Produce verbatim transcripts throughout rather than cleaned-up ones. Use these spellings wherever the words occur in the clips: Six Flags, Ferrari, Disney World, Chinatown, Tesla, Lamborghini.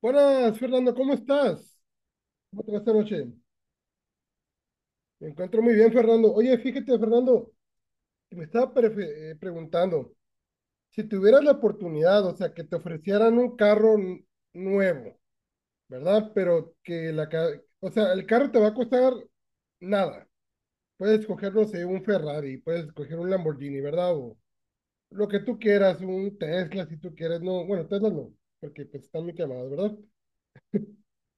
Buenas, Fernando, ¿cómo estás? ¿Cómo te va esta noche? Me encuentro muy bien, Fernando. Oye, fíjate, Fernando, que me estaba prefe- eh, preguntando, si tuvieras la oportunidad, o sea, que te ofrecieran un carro n- nuevo, ¿verdad? Pero que la, ca- o sea, el carro te va a costar nada. Puedes coger, no sé, un Ferrari, puedes coger un Lamborghini, ¿verdad? O lo que tú quieras, un Tesla, si tú quieres, no, bueno, Tesla no, porque pues están muy quemados, ¿verdad?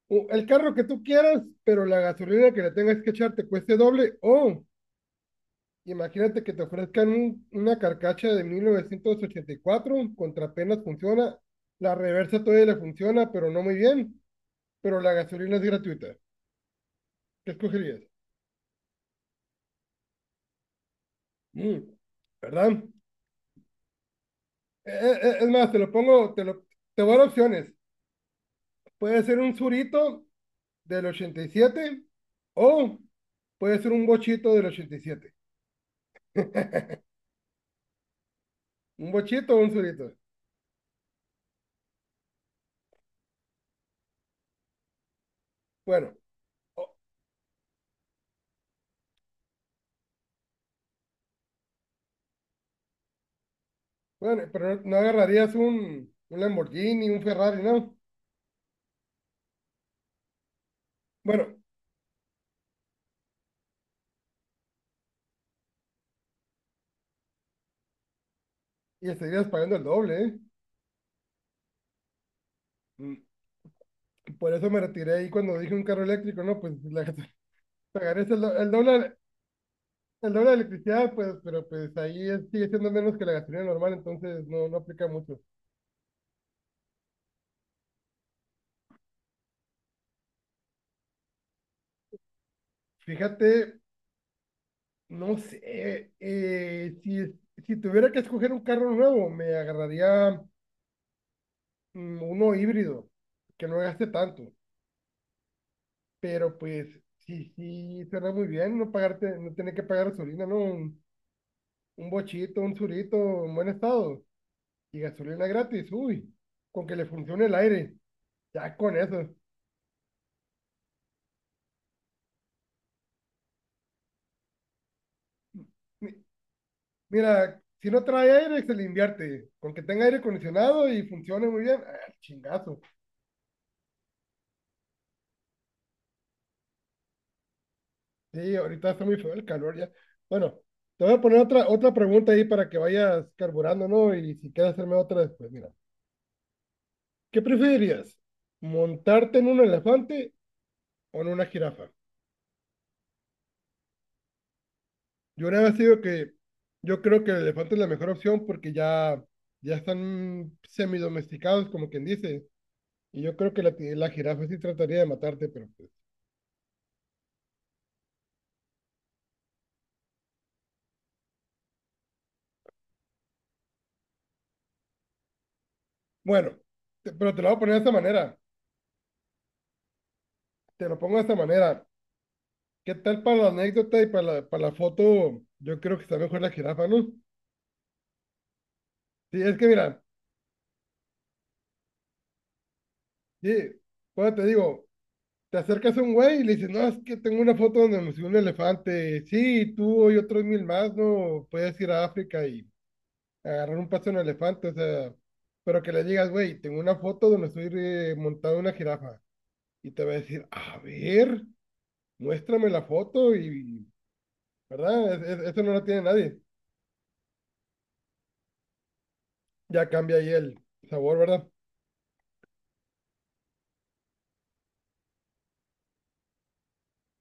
O el carro que tú quieras, pero la gasolina que le tengas que echar te cueste doble. O imagínate que te ofrezcan un- una carcacha de mil novecientos ochenta y cuatro contra apenas funciona, la reversa todavía le funciona, pero no muy bien, pero la gasolina es gratuita. ¿Qué escogerías? Mm, ¿verdad? Eh, eh, eh, es más, te lo pongo, te lo, te voy a dar opciones. Puede ser un surito del ochenta y siete o puede ser un bochito del ochenta y siete. Un bochito o un surito. Bueno, Bueno, pero no no agarrarías un, un Lamborghini, un Ferrari, ¿no? Bueno, y estarías pagando el doble, ¿eh? Mm, por eso me retiré ahí cuando dije un carro eléctrico, ¿no? Pues la, pagaré el, do- el doble, el doble de electricidad, pues, pero pues ahí es- sigue siendo menos que la gasolina normal, entonces no, no aplica mucho. Fíjate, no sé, eh, si, es- si tuviera que escoger un carro nuevo, me agarraría mm, uno híbrido, que no gaste tanto. Pero pues sí, sí, suena muy bien no pagarte, no tener que pagar gasolina, ¿no? Un, un bochito, un surito en buen estado y gasolina gratis, uy, con que le funcione el aire, ya con eso. Mi- Mira, si no trae aire, se le invierte, con que tenga aire acondicionado y funcione muy bien, ah, chingazo. Sí, ahorita está muy feo el calor ya. Bueno, te voy a poner otra, otra pregunta ahí para que vayas carburando, ¿no? Y si quieres hacerme otra después, mira, ¿qué preferirías? ¿Montarte en un elefante o en una jirafa? Yo una vez digo que yo creo que el elefante es la mejor opción porque ya, ya están semidomesticados, como quien dice. Y yo creo que la, ti- la jirafa sí trataría de matarte, pero pues, bueno, te- pero te lo voy a poner de esta manera. Te lo pongo de esta manera. ¿Qué tal para la anécdota y para la, para la foto? Yo creo que está mejor la jirafa, ¿no? Sí, es que mira, sí, bueno, te digo, te acercas a un güey y le dices, no, es que tengo una foto donde me subí un elefante. Sí, tú y otros mil más, ¿no? Puedes ir a África y agarrar un paso en un elefante, o sea, pero que le digas, güey, tengo una foto donde estoy eh, montado en una jirafa y te va a decir, a ver, muéstrame la foto y, ¿verdad? Es- es- eso no lo tiene nadie. Ya cambia ahí el sabor, ¿verdad?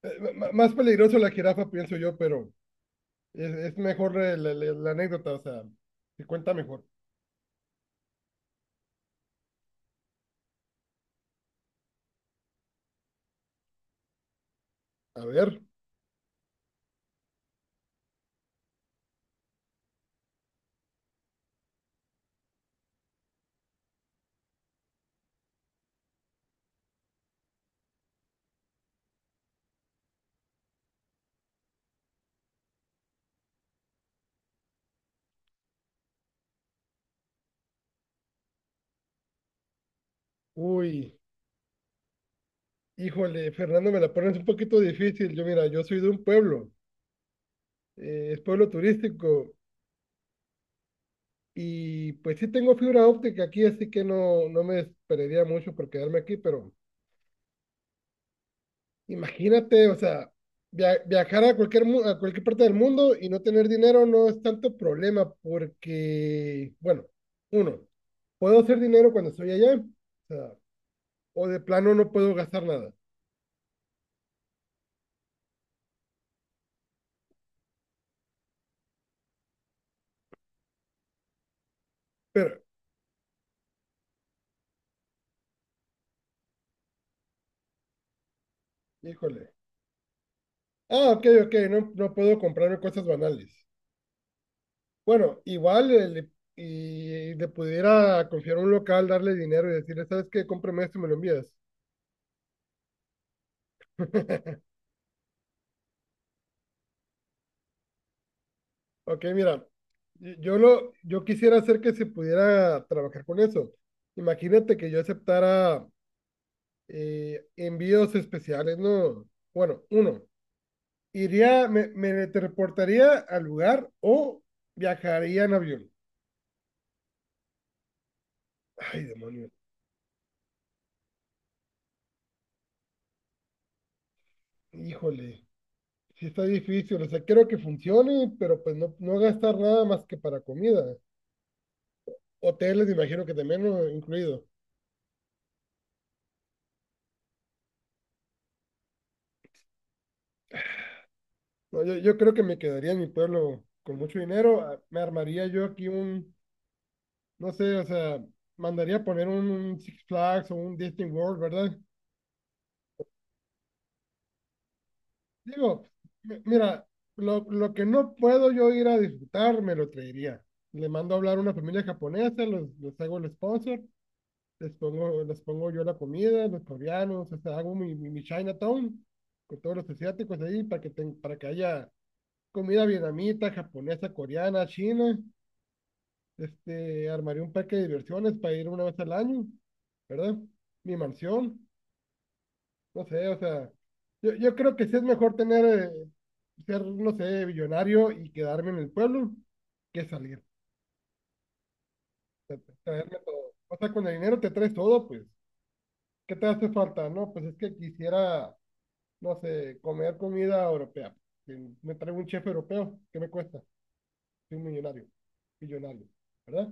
Eh, m- m- más peligroso la jirafa, pienso yo, pero es, es mejor eh, la, la- la anécdota, o sea, se cuenta mejor. A ver, uy, híjole, Fernando, me la pones un poquito difícil. Yo, mira, yo soy de un pueblo, eh, es pueblo turístico. Y pues sí tengo fibra óptica aquí, así que no, no me desesperaría mucho por quedarme aquí, pero imagínate, o sea, via- viajar a cualquier, mu- a cualquier parte del mundo y no tener dinero no es tanto problema porque, bueno, uno, puedo hacer dinero cuando estoy allá, o sea, o de plano no puedo gastar nada, pero, híjole, ah, ok, ok, no, no puedo comprarme cosas banales. Bueno, igual el- y le pudiera confiar a un local, darle dinero y decirle, ¿sabes qué? Cómprame esto y me lo envías. Ok, mira, yo lo, yo quisiera hacer que se pudiera trabajar con eso. Imagínate que yo aceptara eh, envíos especiales, ¿no? Bueno, uno, iría, me, me teleportaría al lugar o viajaría en avión. Ay, demonio. Híjole, sí está difícil. O sea, quiero que funcione, pero pues no, no gastar nada más que para comida. Hoteles, imagino que también, ¿no? Incluido. No, yo, yo creo que me quedaría en mi pueblo con mucho dinero. Ah, me armaría yo aquí un no sé, o sea, mandaría poner un Six Flags o un Disney World, ¿verdad? Digo, mi- mira, lo, lo que no puedo yo ir a disfrutar, me lo traería. Le mando a hablar a una familia japonesa, los, les hago el sponsor, les pongo, les pongo yo la comida, los coreanos, o sea, hago mi, mi, mi Chinatown con todos los asiáticos ahí para que, ten- para que haya comida vietnamita, japonesa, coreana, china. Este, armaría un parque de diversiones para ir una vez al año, ¿verdad? Mi mansión. No sé, o sea, yo, yo creo que sí es mejor tener, eh, ser, no sé, billonario y quedarme en el pueblo que salir, o sea, traerme todo. O sea, con el dinero te traes todo, pues. ¿Qué te hace falta? No, pues es que quisiera, no sé, comer comida europea. Que me traigo un chef europeo, ¿qué me cuesta? Soy un millonario, billonario, ¿verdad?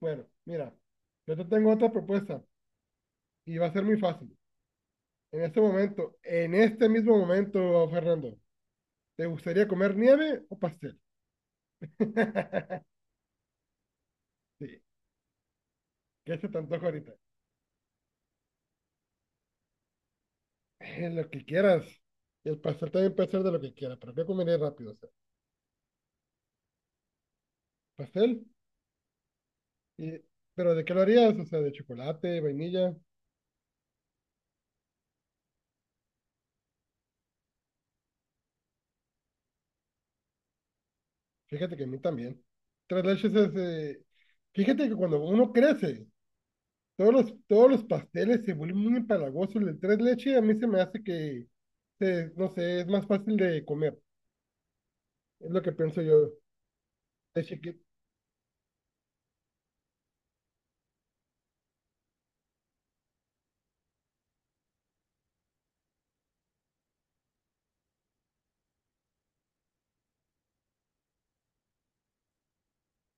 Bueno, mira, yo te tengo otra propuesta y va a ser muy fácil. En este momento, en este mismo momento, Fernando, ¿te gustaría comer nieve o pastel? Sí, ¿qué se te antoja ahorita? Eh, lo que quieras. Y el pastel también puede ser de lo que quieras, pero ¿qué comería rápido? O sea, pastel. Y, ¿pero de qué lo harías? O sea, de chocolate, vainilla. Fíjate que a mí también. Tres leches es... eh, Fíjate que cuando uno crece, todos los, todos los pasteles se vuelven muy empalagosos. El de tres leches a mí se me hace que, se- no sé, es más fácil de comer. Es lo que pienso yo. De chiqui-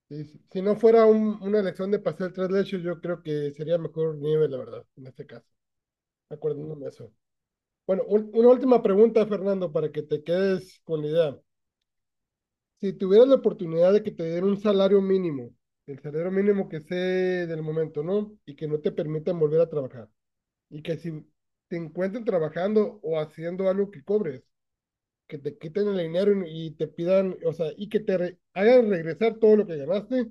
Sí, si si no fuera un- una elección de pastel tres leches, yo creo que sería mejor nieve, la verdad, en este caso, acordándome de eso. Bueno, un- una última pregunta, Fernando, para que te quedes con la idea. Si tuvieras la oportunidad de que te den un salario mínimo, el salario mínimo que sea del momento, ¿no? Y que no te permitan volver a trabajar. Y que si te encuentren trabajando o haciendo algo que cobres, que te quiten el dinero y y te pidan, o sea, y que te re- hagan regresar todo lo que ganaste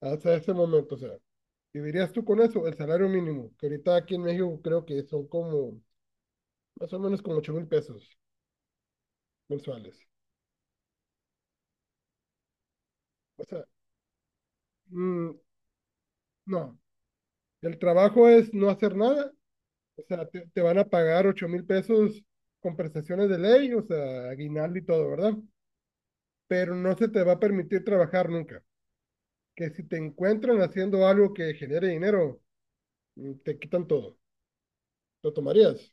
hasta ese momento, o sea. Vivirías tú con eso, el salario mínimo, que ahorita aquí en México creo que son como, más o menos como ocho mil pesos mensuales. O sea, mm, no, el trabajo es no hacer nada, o sea, te, te van a pagar ocho mil pesos con prestaciones de ley, o sea, aguinaldo y todo, ¿verdad? Pero no se te va a permitir trabajar nunca, que si te encuentran haciendo algo que genere dinero, mm, te quitan todo, lo tomarías.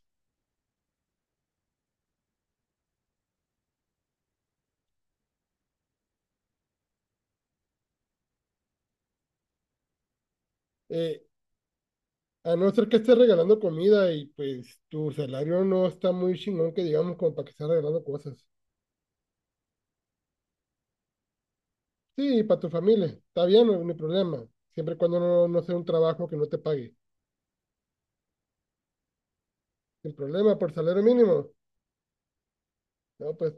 Eh, A no ser que estés regalando comida y pues tu salario no está muy chingón que digamos como para que estés regalando cosas. Sí, para tu familia, está bien, no, no hay problema. Siempre y cuando no, no sea un trabajo que no te pague. Sin problema, por salario mínimo. No, pues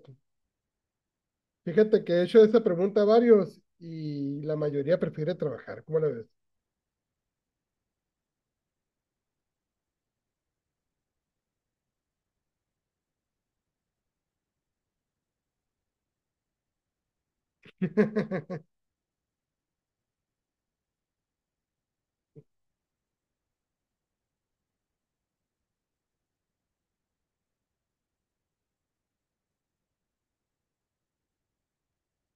fíjate que he hecho esa pregunta a varios y la mayoría prefiere trabajar, ¿cómo la ves?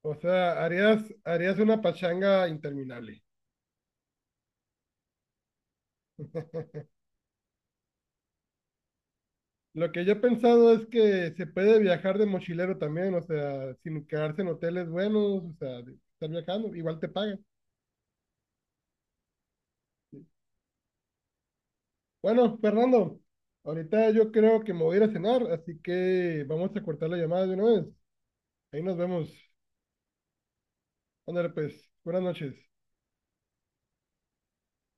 O sea, harías, harías una pachanga interminable. Lo que yo he pensado es que se puede viajar de mochilero también, o sea, sin quedarse en hoteles buenos, o sea, de estar viajando, igual te pagan. Bueno, Fernando, ahorita yo creo que me voy a ir a cenar, así que vamos a cortar la llamada de una vez. Ahí nos vemos. Ándale, pues, buenas noches.